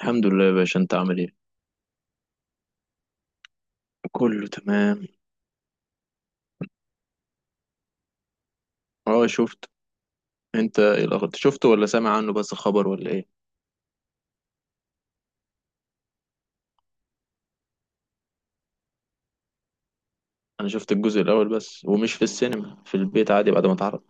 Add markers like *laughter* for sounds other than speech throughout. الحمد لله يا باشا، انت عامل ايه؟ كله تمام. اه، شفت. انت ايه الاخر، شفته ولا سامع عنه بس خبر ولا ايه؟ انا شفت الجزء الاول بس، ومش في السينما، في البيت عادي بعد ما اتعرض.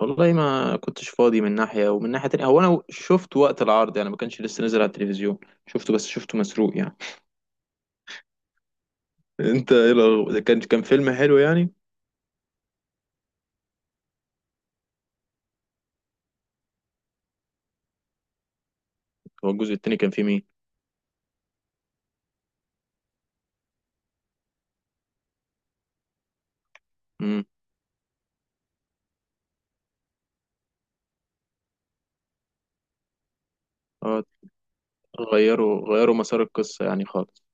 والله ما كنتش فاضي من ناحية، ومن ناحية تانية هو انا شفت وقت العرض يعني، ما كانش لسه نزل على التلفزيون. شفته، بس شفته مسروق يعني. *laughs* انت ايه الاخر، كان فيلم حلو يعني؟ هو الجزء التاني كان فيه مين؟ امم. اه، غيروا مسار القصة يعني خالص.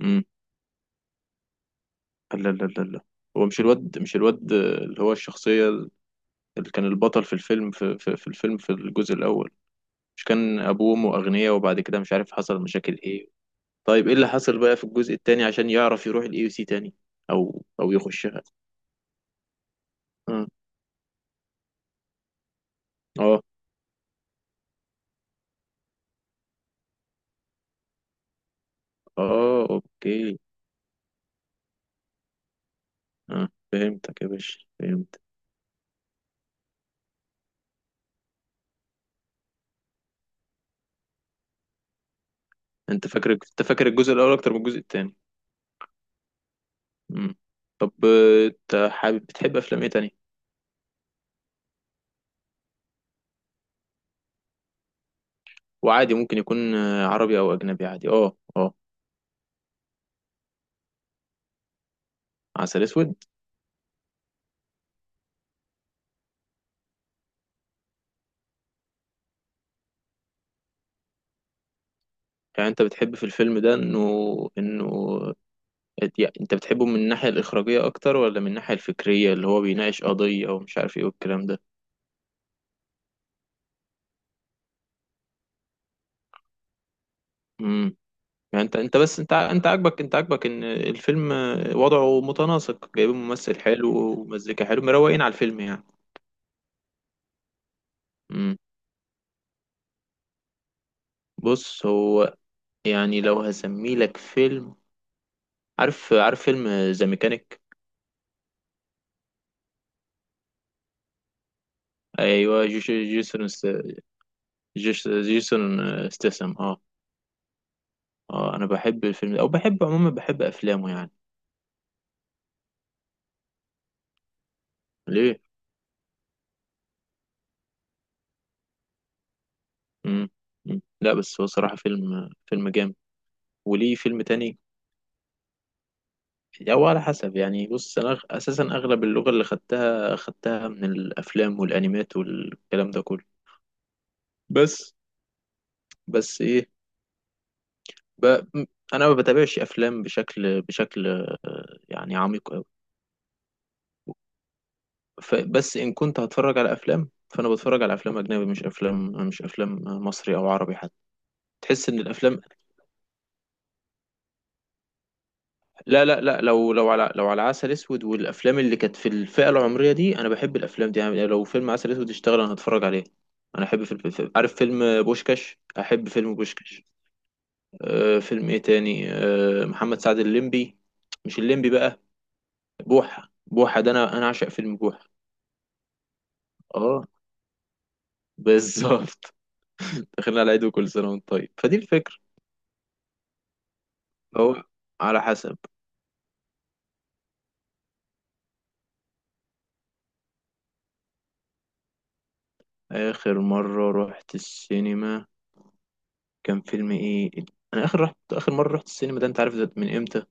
امم. لا، لا، لا، لا، هو مش الواد اللي هو الشخصية، اللي كان البطل في الفيلم في الفيلم في الجزء الأول. مش كان أبوه وأمه أغنياء، وبعد كده مش عارف حصل مشاكل إيه؟ طيب إيه اللي حصل بقى في الجزء التاني عشان يعرف يروح الإي يو سي تاني؟ أو يخشها. آه، آه، آه، أوكي. آه، فهمتك يا باشا، فهمت. أنت فاكر الجزء الأول أكتر من الجزء التاني. مم. طب، أنت حابب بتحب أفلام إيه تاني؟ وعادي، ممكن يكون عربي أو أجنبي، عادي، آه، آه. عسل أسود. يعني أنت بتحب في الفيلم ده إنه، إنه يعني انت بتحبه من الناحية الإخراجية أكتر، ولا من الناحية الفكرية اللي هو بيناقش قضية ومش عارف ايه والكلام ده؟ امم. يعني انت بس انت عاجبك ان الفيلم وضعه متناسق، جايبين ممثل حلو ومزيكا حلو، مروقين على الفيلم يعني. امم. بص هو، يعني لو هسميه لك فيلم، عارف فيلم ذا ميكانيك. ايوه، جيسون است-. جيسون استسم، اه. اه، انا بحب الفيلم ده، او بحب عموما بحب افلامه يعني. ليه؟ مم. مم. لا بس هو صراحة فيلم جامد. وليه فيلم تاني. أو على حسب يعني، بص أنا أساسا أغلب اللغة اللي خدتها من الأفلام والأنيمات والكلام ده كله. بس بس إيه؟ ب... م- أنا ما بتابعش أفلام بشكل يعني عميق أوي. بس إن كنت هتفرج على أفلام، فأنا بتفرج على أفلام أجنبي، مش أفلام مصري أو عربي حتى. تحس إن الأفلام. لا، لا، لا، لو على عسل اسود والافلام اللي كانت في الفئه العمريه دي، انا بحب الافلام دي يعني. لو فيلم عسل اسود اشتغل، انا هتفرج عليه. انا احب فيلم عارف فيلم بوشكاش، احب فيلم بوشكاش. أه، فيلم ايه تاني؟ أه، محمد سعد الليمبي. مش الليمبي بقى. بوحه، بوحه ده، انا عاشق فيلم بوحه. اه، بالظبط. *laughs* دخلنا على عيد، وكل سنه وانت طيب، فدي الفكره. هو، على حسب. اخر مره رحت السينما كان فيلم ايه؟ انا اخر اخر مره رحت السينما، ده انت عارف ده من امتى؟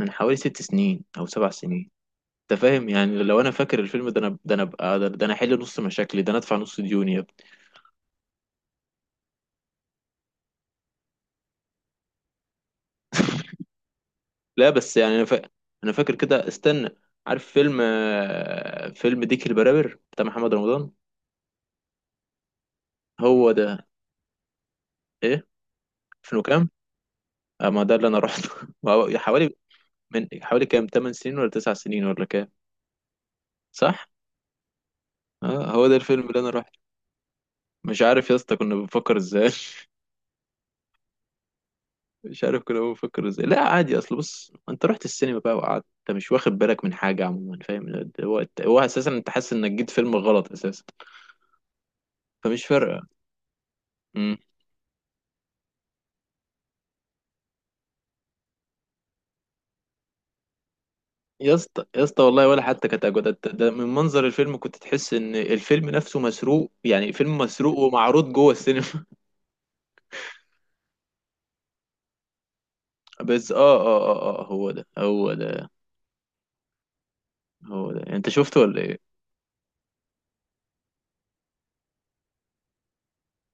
من حوالي 6 سنين او 7 سنين. انت فاهم يعني؟ لو انا فاكر الفيلم ده، انا ده ده انا احل نص مشاكلي، ده انا ادفع نص ديوني يا ابني. *laughs* لا بس يعني، انا فاكر كده، استنى. عارف فيلم، فيلم ديك البرابر بتاع محمد رمضان. هو ده. ايه؟ فيلم كام؟ ما ده اللي انا رحته. *laughs* ما هو حوالي، من حوالي كام، 8 سنين ولا 9 سنين ولا كام؟ صح. اه، هو ده الفيلم اللي انا رحته. مش عارف يا اسطى، كنا بنفكر ازاي. مش عارف كنا بنفكر ازاي. لا عادي، اصل بص انت رحت السينما بقى وقعدت، انت مش واخد بالك من حاجه عموما، فاهم؟ هو اساسا انت حاسس انك جيت فيلم غلط اساسا. فمش فارقه. امم. يا اسطى يا اسطى، والله ولا حتى كانت اجودة. ده من منظر الفيلم كنت تحس ان الفيلم نفسه مسروق يعني، فيلم مسروق ومعروض جوه السينما. *laughs* بس، اه، اه، اه، اه، هو ده، هو ده. هو ده، انت شفته ولا ايه؟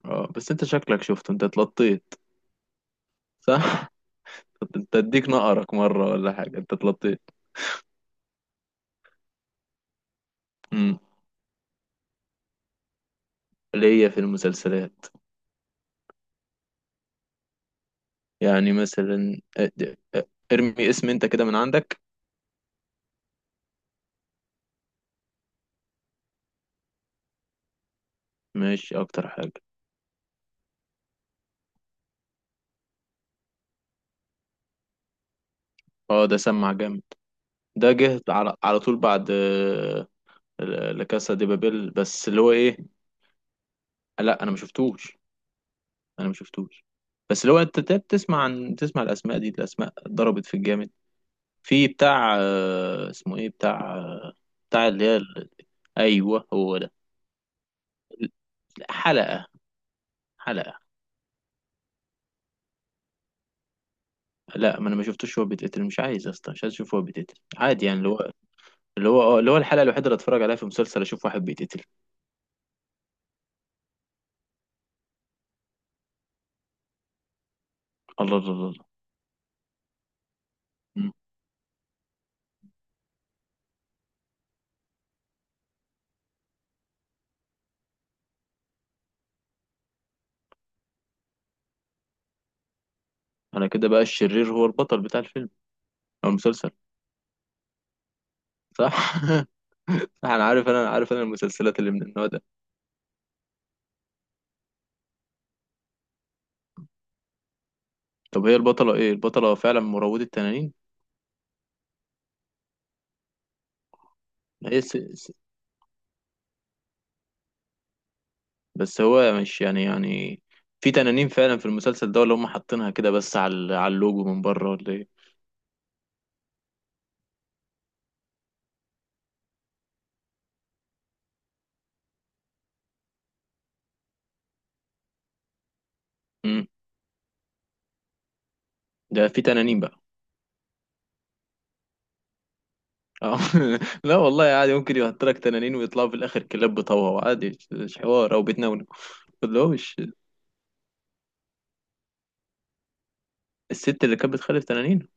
اه، بس انت شكلك شفته، انت اتلطيت. صح. *laughs* انت اديك نقرك مره ولا حاجه، انت اتلطيت. امم. اللي هي في المسلسلات. يعني مثلا ارمي اسم انت كده من عندك. ماشي، اكتر حاجة. اه، ده سمع جامد. ده جه على طول، بعد لا كاسا دي بابيل، بس اللي هو ايه. لا، انا ما شفتوش. انا ما شفتوش. بس اللي هو انت بتسمع عن تسمع الاسماء دي، الاسماء ضربت في الجامد. في بتاع، اسمه ايه، بتاع. بتاع اللي هي ايوه، هو ده. حلقة. حلقة. لا، ما انا ما شفتوش، هو بيتقتل، مش عايز يا اسطى، مش عايز اشوف هو بيتقتل عادي يعني. اللي هو، اللي هو الحلقة الوحيدة اللي اتفرج عليها في مسلسل اشوف واحد بيتقتل. الله، الله، الله، الله. مم. انا كده بقى الشرير هو البطل بتاع الفيلم او المسلسل. صح. *laughs* صح، انا عارف انا المسلسلات اللي من النوع ده. طب هي البطلة ايه، البطلة فعلا مروضة تنانين؟ هي س... س... بس هو مش يعني، في تنانين فعلا في المسلسل ده، ولا هم حاطينها كده بس على على اللوجو من بره ولا ايه؟ مم. ده في تنانين بقى. اه. *laughs* لا والله عادي، ممكن يحط لك تنانين ويطلعوا في الاخر كلاب بطوها عادي، مش حوار او بتنونك ما تقولهمش الست اللي كانت بتخلف تنانين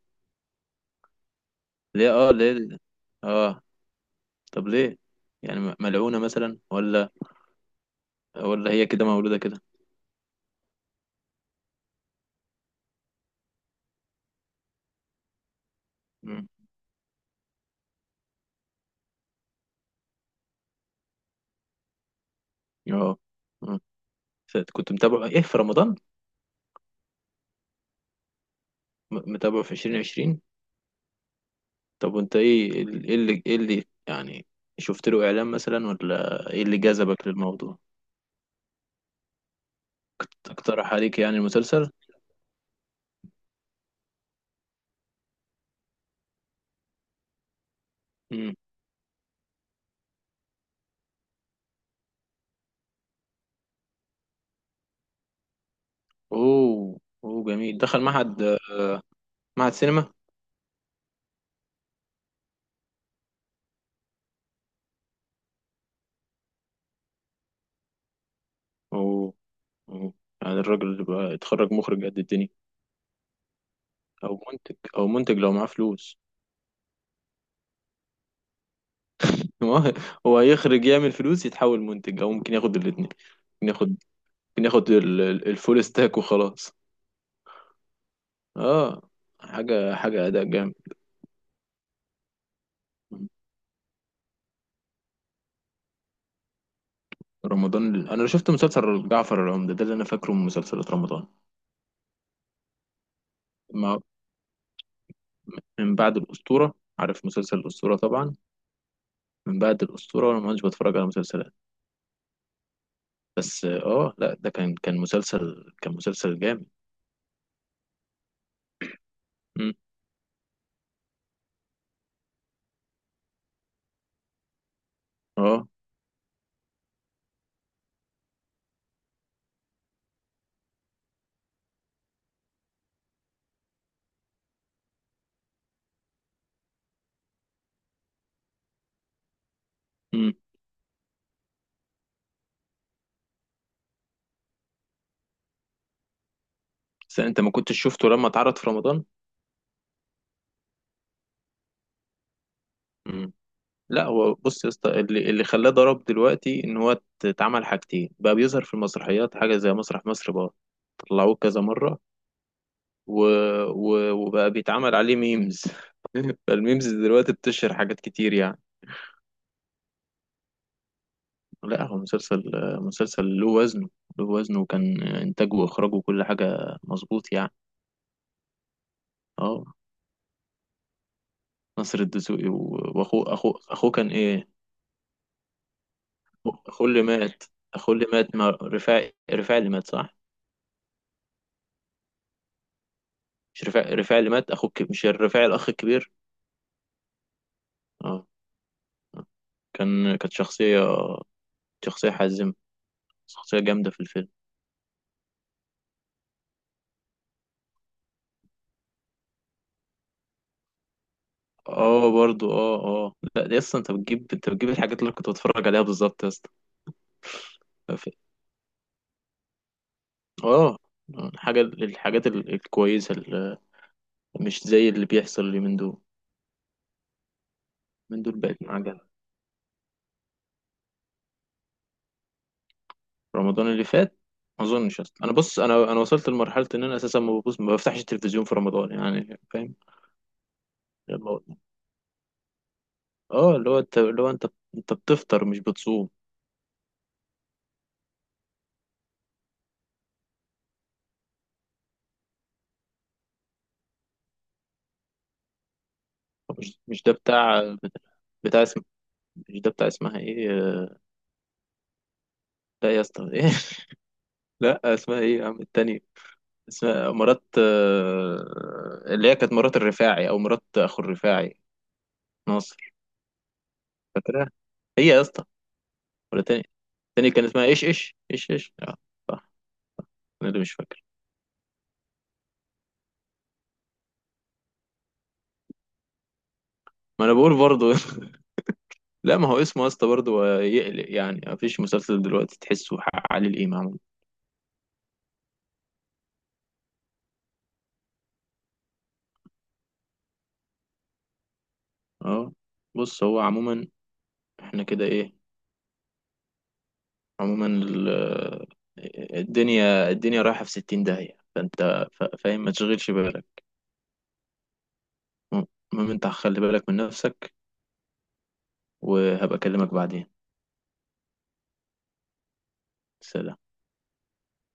ليه. اه، ليه. اه. طب ليه؟ يعني ملعونة مثلا ولا، ولا هي كده مولودة كده؟ مم. اه. مم. كنت متابع ايه في رمضان؟ متابع في 2020؟ طب وانت ايه، ايه اللي يعني شفت له اعلان مثلا، ولا ايه اللي جذبك للموضوع؟ تقترح عليك يعني المسلسل. مم. اوه، اوه، جميل، دخل معهد. معهد سينما. اوه، اوه. يعني الراجل اللي بقى يتخرج مخرج قد الدنيا، او منتج لو معاه فلوس. *laughs* هو هو هيخرج، يعمل فلوس، يتحول منتج، او ممكن ياخد الاثنين. ممكن ياخد. ممكن ياخد الفول ستاك وخلاص. اه. حاجه اداء جامد. رمضان انا شفت مسلسل جعفر العمدة، ده اللي انا فاكره من مسلسلات رمضان. ما، من بعد الاسطوره. عارف مسلسل الاسطوره طبعا. من بعد الاسطوره وانا ما كنتش بتفرج على مسلسلات. بس، اه، لا ده كان مسلسل جامد. مم. اه. امم. انت ما كنتش شفته لما اتعرض في رمضان. لا هو بص يا اسطى، اللي خلاه ضرب دلوقتي ان هو اتعمل حاجتين بقى، بيظهر في المسرحيات حاجه زي مسرح مصر بقى. طلعوه كذا مره. و... وبقى بيتعمل عليه ميمز. *laughs* فالميمز دلوقتي بتشهر حاجات كتير يعني. لا هو مسلسل، مسلسل له وزنه، له وزنه، وكان انتاجه واخراجه وكل حاجه مظبوط يعني. اه. ناصر الدسوقي واخوه اخوه اخوه كان ايه؟ اخوه اللي مات. اخوه اللي مات ما رفاعي، رفاعي اللي مات صح. مش رفاعي، رفاعي اللي مات اخوه مش الرفاعي الاخ الكبير. اه. آه. كانت شخصية، شخصية حازمة، شخصية جامدة في الفيلم. اه، برضو، اه. اه، لا دي اصلا، انت بتجيب الحاجات اللي أنا كنت بتفرج عليها بالظبط يا اسطى. ف- اه. حاجة الحاجات الكويسة مش زي اللي بيحصل اليومين دول. من دول بقت معجنة. رمضان اللي فات، ما اظنش اصلا. انا بص، انا وصلت لمرحلة ان انا اساسا ما بفتحش التلفزيون في رمضان يعني، فاهم؟ اللي هو- اه، اللي هو انت انت بتفطر مش بتصوم. مش ده بتاع، بتاع. مش ده بتاع اسمها ايه، لا يا اسطى ايه. *laughs* لا اسمها ايه يا عم، التانية. اسمها مرات، اللي هي كانت مرات الرفاعي او مرات اخو الرفاعي، ناصر. فاكرها. هي يا اسطى. ولا تاني. تاني كان اسمها ايش، ايش، ايش، ايش، اه. صح، انا اللي مش فاكر. ما انا بقول برضو. *laughs* لا ما هو اسمه يا اسطى برضو يقلق يعني، ما فيش مسلسل دلوقتي تحسه حق علي الامام. اه، بص هو عموما، احنا كده ايه، عموما الدنيا الدنيا رايحة في 60 داهية، فانت فاهم، ما تشغلش بالك. المهم انت خلي بالك من نفسك، وهبقى اكلمك بعدين. سلام.